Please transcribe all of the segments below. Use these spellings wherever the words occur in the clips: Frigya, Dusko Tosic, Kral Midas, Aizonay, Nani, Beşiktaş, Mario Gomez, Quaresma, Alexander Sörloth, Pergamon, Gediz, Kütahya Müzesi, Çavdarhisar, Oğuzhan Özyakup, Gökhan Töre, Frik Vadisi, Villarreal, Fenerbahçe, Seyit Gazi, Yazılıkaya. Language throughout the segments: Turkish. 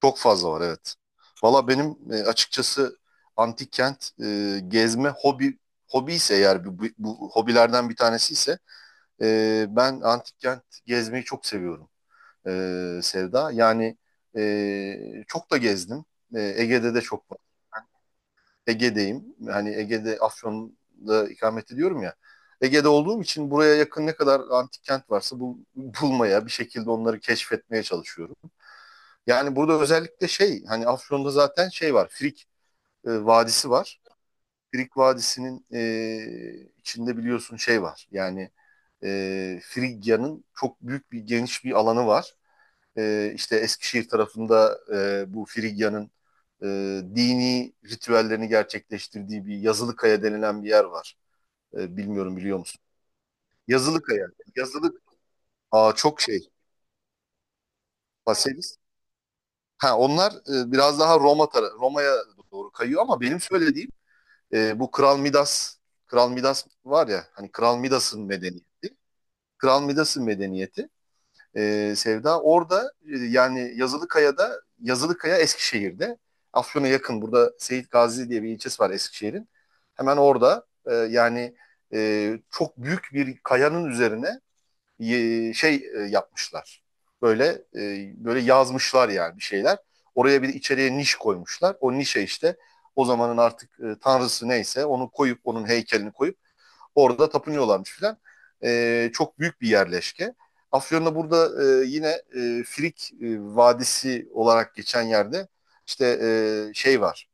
Çok fazla var, evet. Valla benim açıkçası antik kent gezme hobi ise, eğer bu, bu hobilerden bir tanesi ise, ben antik kent gezmeyi çok seviyorum, Sevda. Yani çok da gezdim. E, Ege'de de çok var. Ege'deyim. Hani Ege'de Afyon'da ikamet ediyorum ya. Ege'de olduğum için buraya yakın ne kadar antik kent varsa bulmaya, bir şekilde onları keşfetmeye çalışıyorum. Yani burada özellikle şey, hani Afyon'da zaten şey var. Frik Vadisi var. Frik Vadisi'nin içinde biliyorsun şey var. Yani Frigya'nın çok büyük bir geniş bir alanı var. E, işte Eskişehir tarafında bu Frigya'nın e, dini ritüellerini gerçekleştirdiği bir Yazılıkaya denilen bir yer var. E, bilmiyorum, biliyor musun? Yazılıkaya. Yazılık. Aa, çok şey. Baselis. Ha, onlar biraz daha Roma'ya doğru kayıyor, ama benim söylediğim, E, bu Kral Midas, Kral Midas var ya, hani Kral Midas'ın medeniyeti. Kral Midas'ın medeniyeti, Sevda, orada, yani Yazılıkaya'da, Yazılıkaya Eskişehir'de, Afyon'a yakın, burada Seyit Gazi diye bir ilçesi var Eskişehir'in. Hemen orada, yani çok büyük bir kayanın üzerine şey, yapmışlar. Böyle böyle yazmışlar, yani bir şeyler. Oraya bir içeriye niş koymuşlar. O nişe işte o zamanın artık tanrısı neyse onu koyup, onun heykelini koyup orada tapınıyorlarmış filan. E, çok büyük bir yerleşke. Afyon'da burada yine Frik Vadisi olarak geçen yerde işte şey var.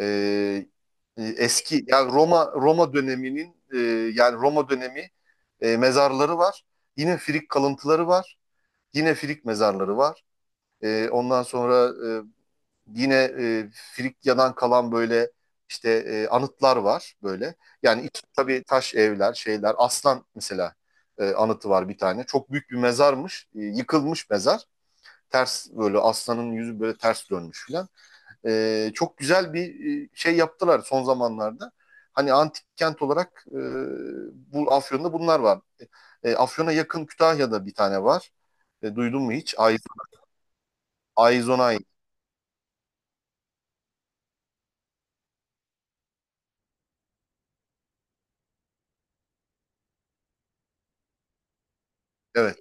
Ee, e, eski, yani Roma döneminin, yani Roma dönemi mezarları var. Yine Frig kalıntıları var. Yine Frig mezarları var. Ondan sonra e, yine Frigyadan kalan böyle işte anıtlar var böyle. Yani iç, tabii taş evler, şeyler. Aslan mesela anıtı var bir tane. Çok büyük bir mezarmış. E, yıkılmış mezar. Ters, böyle aslanın yüzü böyle ters dönmüş falan. Çok güzel bir şey yaptılar son zamanlarda. Hani antik kent olarak, bu Afyon'da bunlar var. E, Afyon'a yakın Kütahya'da bir tane var. E, duydun mu hiç? Aizonay. Evet.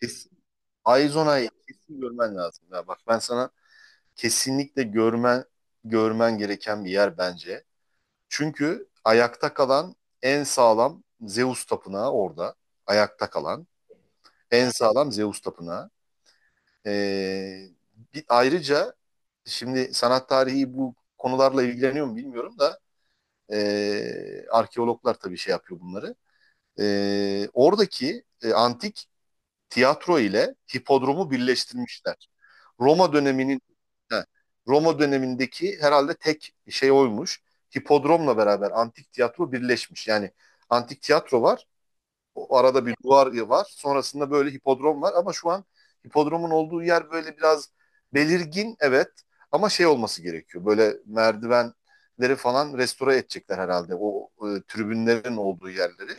Kesin, Aizonay kesin görmen lazım. Ya bak, ben sana kesinlikle görmen gereken bir yer bence. Çünkü ayakta kalan en sağlam Zeus tapınağı orada. Ayakta kalan en sağlam Zeus tapınağı. Ee, ayrıca şimdi sanat tarihi bu konularla ilgileniyor mu bilmiyorum da, arkeologlar tabii şey yapıyor bunları. Oradaki antik tiyatro ile hipodromu birleştirmişler. Roma döneminin, he, Roma dönemindeki herhalde tek şey oymuş. Hipodromla beraber antik tiyatro birleşmiş. Yani antik tiyatro var. O arada bir duvar var. Sonrasında böyle hipodrom var, ama şu an hipodromun olduğu yer böyle biraz belirgin, evet, ama şey olması gerekiyor. Böyle merdivenleri falan restore edecekler herhalde, o tribünlerin olduğu yerleri.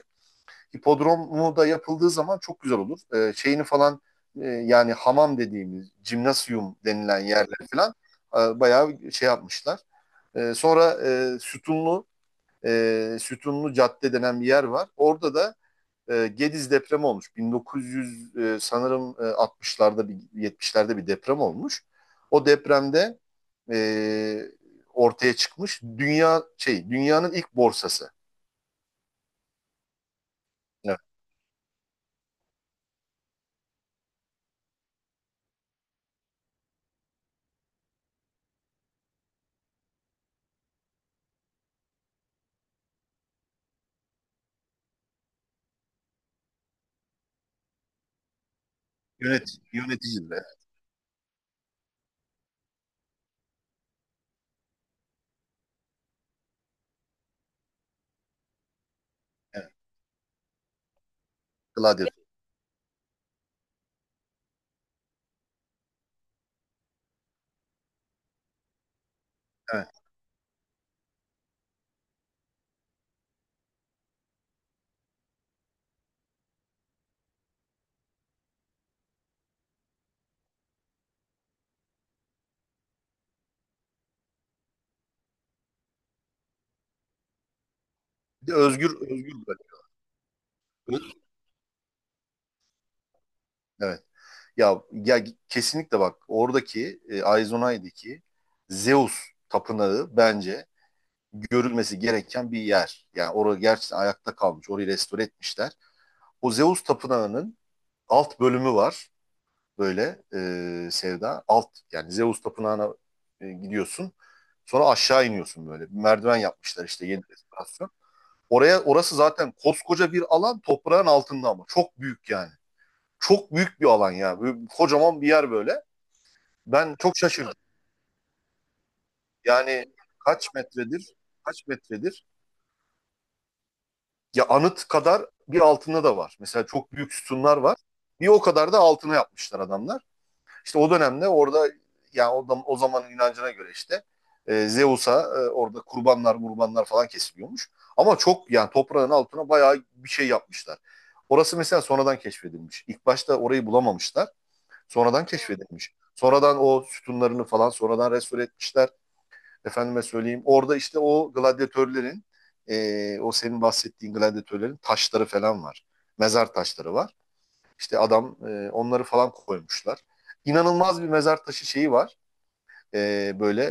Hipodromu da yapıldığı zaman çok güzel olur. E, şeyini falan, yani hamam dediğimiz jimnasyum denilen yerler falan bayağı şey yapmışlar. Sonra e, sütunlu sütunlu cadde denen bir yer var. Orada da Gediz depremi olmuş. 1900 sanırım 60'larda bir, 70'lerde bir deprem olmuş. O depremde e, ortaya çıkmış dünya şey, dünyanın ilk borsası. Evet. Yönet, yöneticileri. Evet. Gladiator. Evet. Bir de özgür özgür bırak. Evet. Ya ya kesinlikle, bak oradaki Aizonay'daki Zeus tapınağı bence görülmesi gereken bir yer. Yani orada gerçekten ayakta kalmış. Orayı restore etmişler. O Zeus Tapınağı'nın alt bölümü var böyle, Sevda. Alt, yani Zeus Tapınağı'na gidiyorsun. Sonra aşağı iniyorsun böyle. Bir merdiven yapmışlar işte, yeni restorasyon. Oraya, orası zaten koskoca bir alan toprağın altında, ama çok büyük yani. Çok büyük bir alan ya. Böyle kocaman bir yer böyle. Ben çok şaşırdım. Yani kaç metredir? Kaç metredir? Ya anıt kadar bir altında da var. Mesela çok büyük sütunlar var. Bir o kadar da altına yapmışlar adamlar. İşte o dönemde orada, yani o, o zamanın inancına göre işte Zeus'a, orada kurbanlar falan kesiliyormuş. Ama çok, yani toprağın altına bayağı bir şey yapmışlar. Orası mesela sonradan keşfedilmiş. İlk başta orayı bulamamışlar. Sonradan keşfedilmiş. Sonradan o sütunlarını falan sonradan restore etmişler. Efendime söyleyeyim. Orada işte o gladyatörlerin, o senin bahsettiğin gladyatörlerin taşları falan var. Mezar taşları var. İşte adam onları falan koymuşlar. İnanılmaz bir mezar taşı şeyi var. Böyle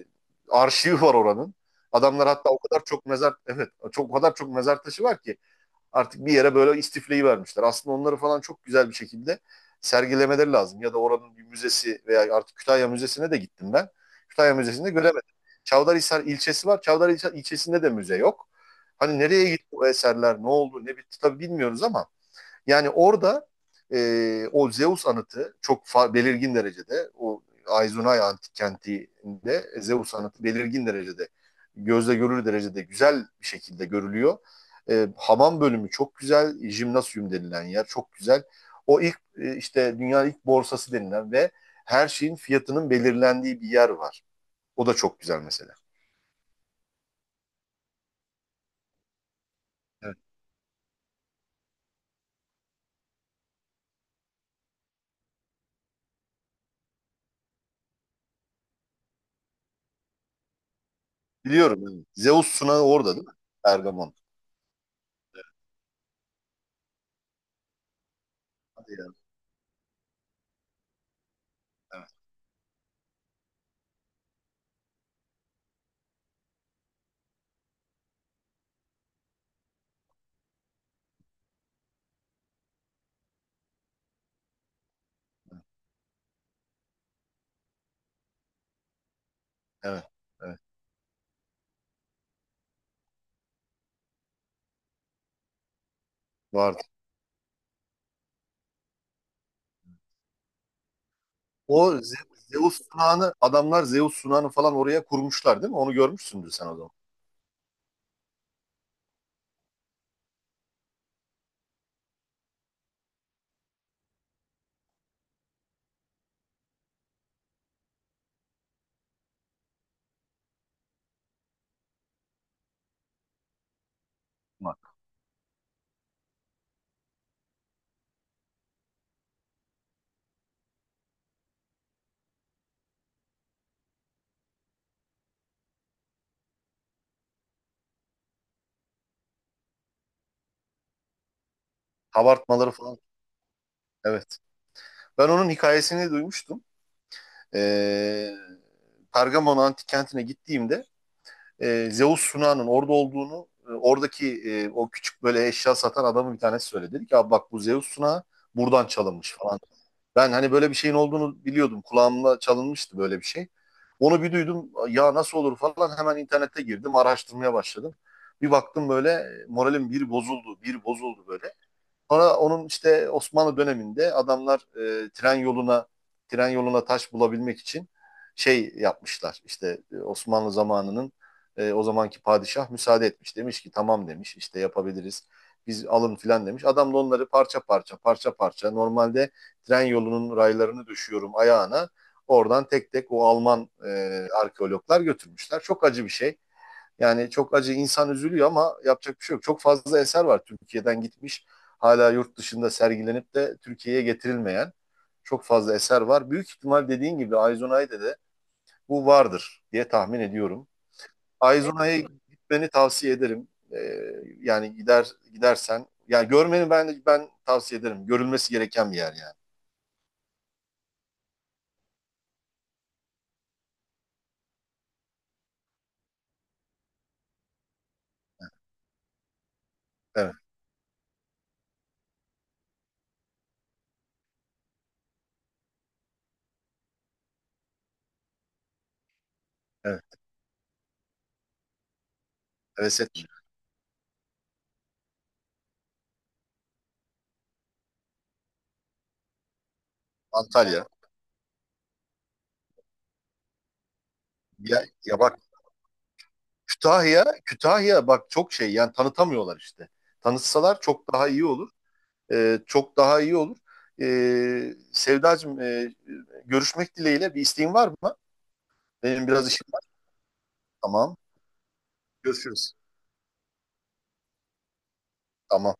e, arşivi var oranın. Adamlar hatta o kadar çok mezar, evet, çok, o kadar çok mezar taşı var ki artık bir yere böyle istifleyi vermişler. Aslında onları falan çok güzel bir şekilde sergilemeleri lazım. Ya da oranın bir müzesi, veya artık Kütahya Müzesi'ne de gittim ben. Kütahya Müzesi'nde göremedim. Çavdarhisar ilçesi var. Çavdarhisar ilçesinde de müze yok. Hani nereye gitti bu eserler, ne oldu, ne bitti, tabii bilmiyoruz, ama yani orada o Zeus anıtı çok belirgin derecede, o Aizunay antik kentinde Zeus anıtı belirgin derecede, gözle görülür derecede güzel bir şekilde görülüyor. E, hamam bölümü çok güzel, jimnasyum denilen yer çok güzel. O ilk, işte dünyanın ilk borsası denilen ve her şeyin fiyatının belirlendiği bir yer var. O da çok güzel mesela. Evet. Biliyorum, yani. Zeus sunağı orada değil mi? Ergamon. Hadi ya. Evet. Evet. Evet. Vardı. O Ze- Zeus sunağını adamlar, Zeus sunağını falan oraya kurmuşlar değil mi? Onu görmüşsündür sen o zaman. Bak, kabartmaları falan. Evet. Ben onun hikayesini duymuştum. Ee, Pergamon antik kentine gittiğimde Zeus sunağının orada olduğunu, oradaki o küçük böyle eşya satan adamı bir tanesi söyledi. Dedi ki, abi bak, bu Zeus sunağı buradan çalınmış falan. Ben hani böyle bir şeyin olduğunu biliyordum. Kulağımda çalınmıştı böyle bir şey. Onu bir duydum. Ya nasıl olur falan, hemen internete girdim. Araştırmaya başladım. Bir baktım, böyle moralim bir bozuldu. Bir bozuldu böyle. Sonra onun işte Osmanlı döneminde adamlar, e, tren yoluna tren yoluna taş bulabilmek için şey yapmışlar. İşte Osmanlı zamanının o zamanki padişah müsaade etmiş. Demiş ki tamam, demiş işte, yapabiliriz. Biz alın filan demiş. Adam da onları parça parça normalde tren yolunun raylarını düşüyorum ayağına. Oradan tek tek o Alman arkeologlar götürmüşler. Çok acı bir şey. Yani çok acı, insan üzülüyor, ama yapacak bir şey yok. Çok fazla eser var Türkiye'den gitmiş. Hala yurt dışında sergilenip de Türkiye'ye getirilmeyen çok fazla eser var. Büyük ihtimal dediğin gibi Aizunay'da da bu vardır diye tahmin ediyorum. Aizunay'a gitmeni tavsiye ederim. Yani gider, gidersen, yani görmeni ben tavsiye ederim. Görülmesi gereken bir yer yani. Evet, evet. Heves etme. Antalya. Ya, ya bak, Kütahya bak çok şey, yani tanıtamıyorlar işte. Tanıtsalar çok daha iyi olur. Çok daha iyi olur. Sevdacığım, görüşmek dileğiyle, bir isteğin var mı? Benim biraz işim var. Tamam. Görüşürüz. Tamam.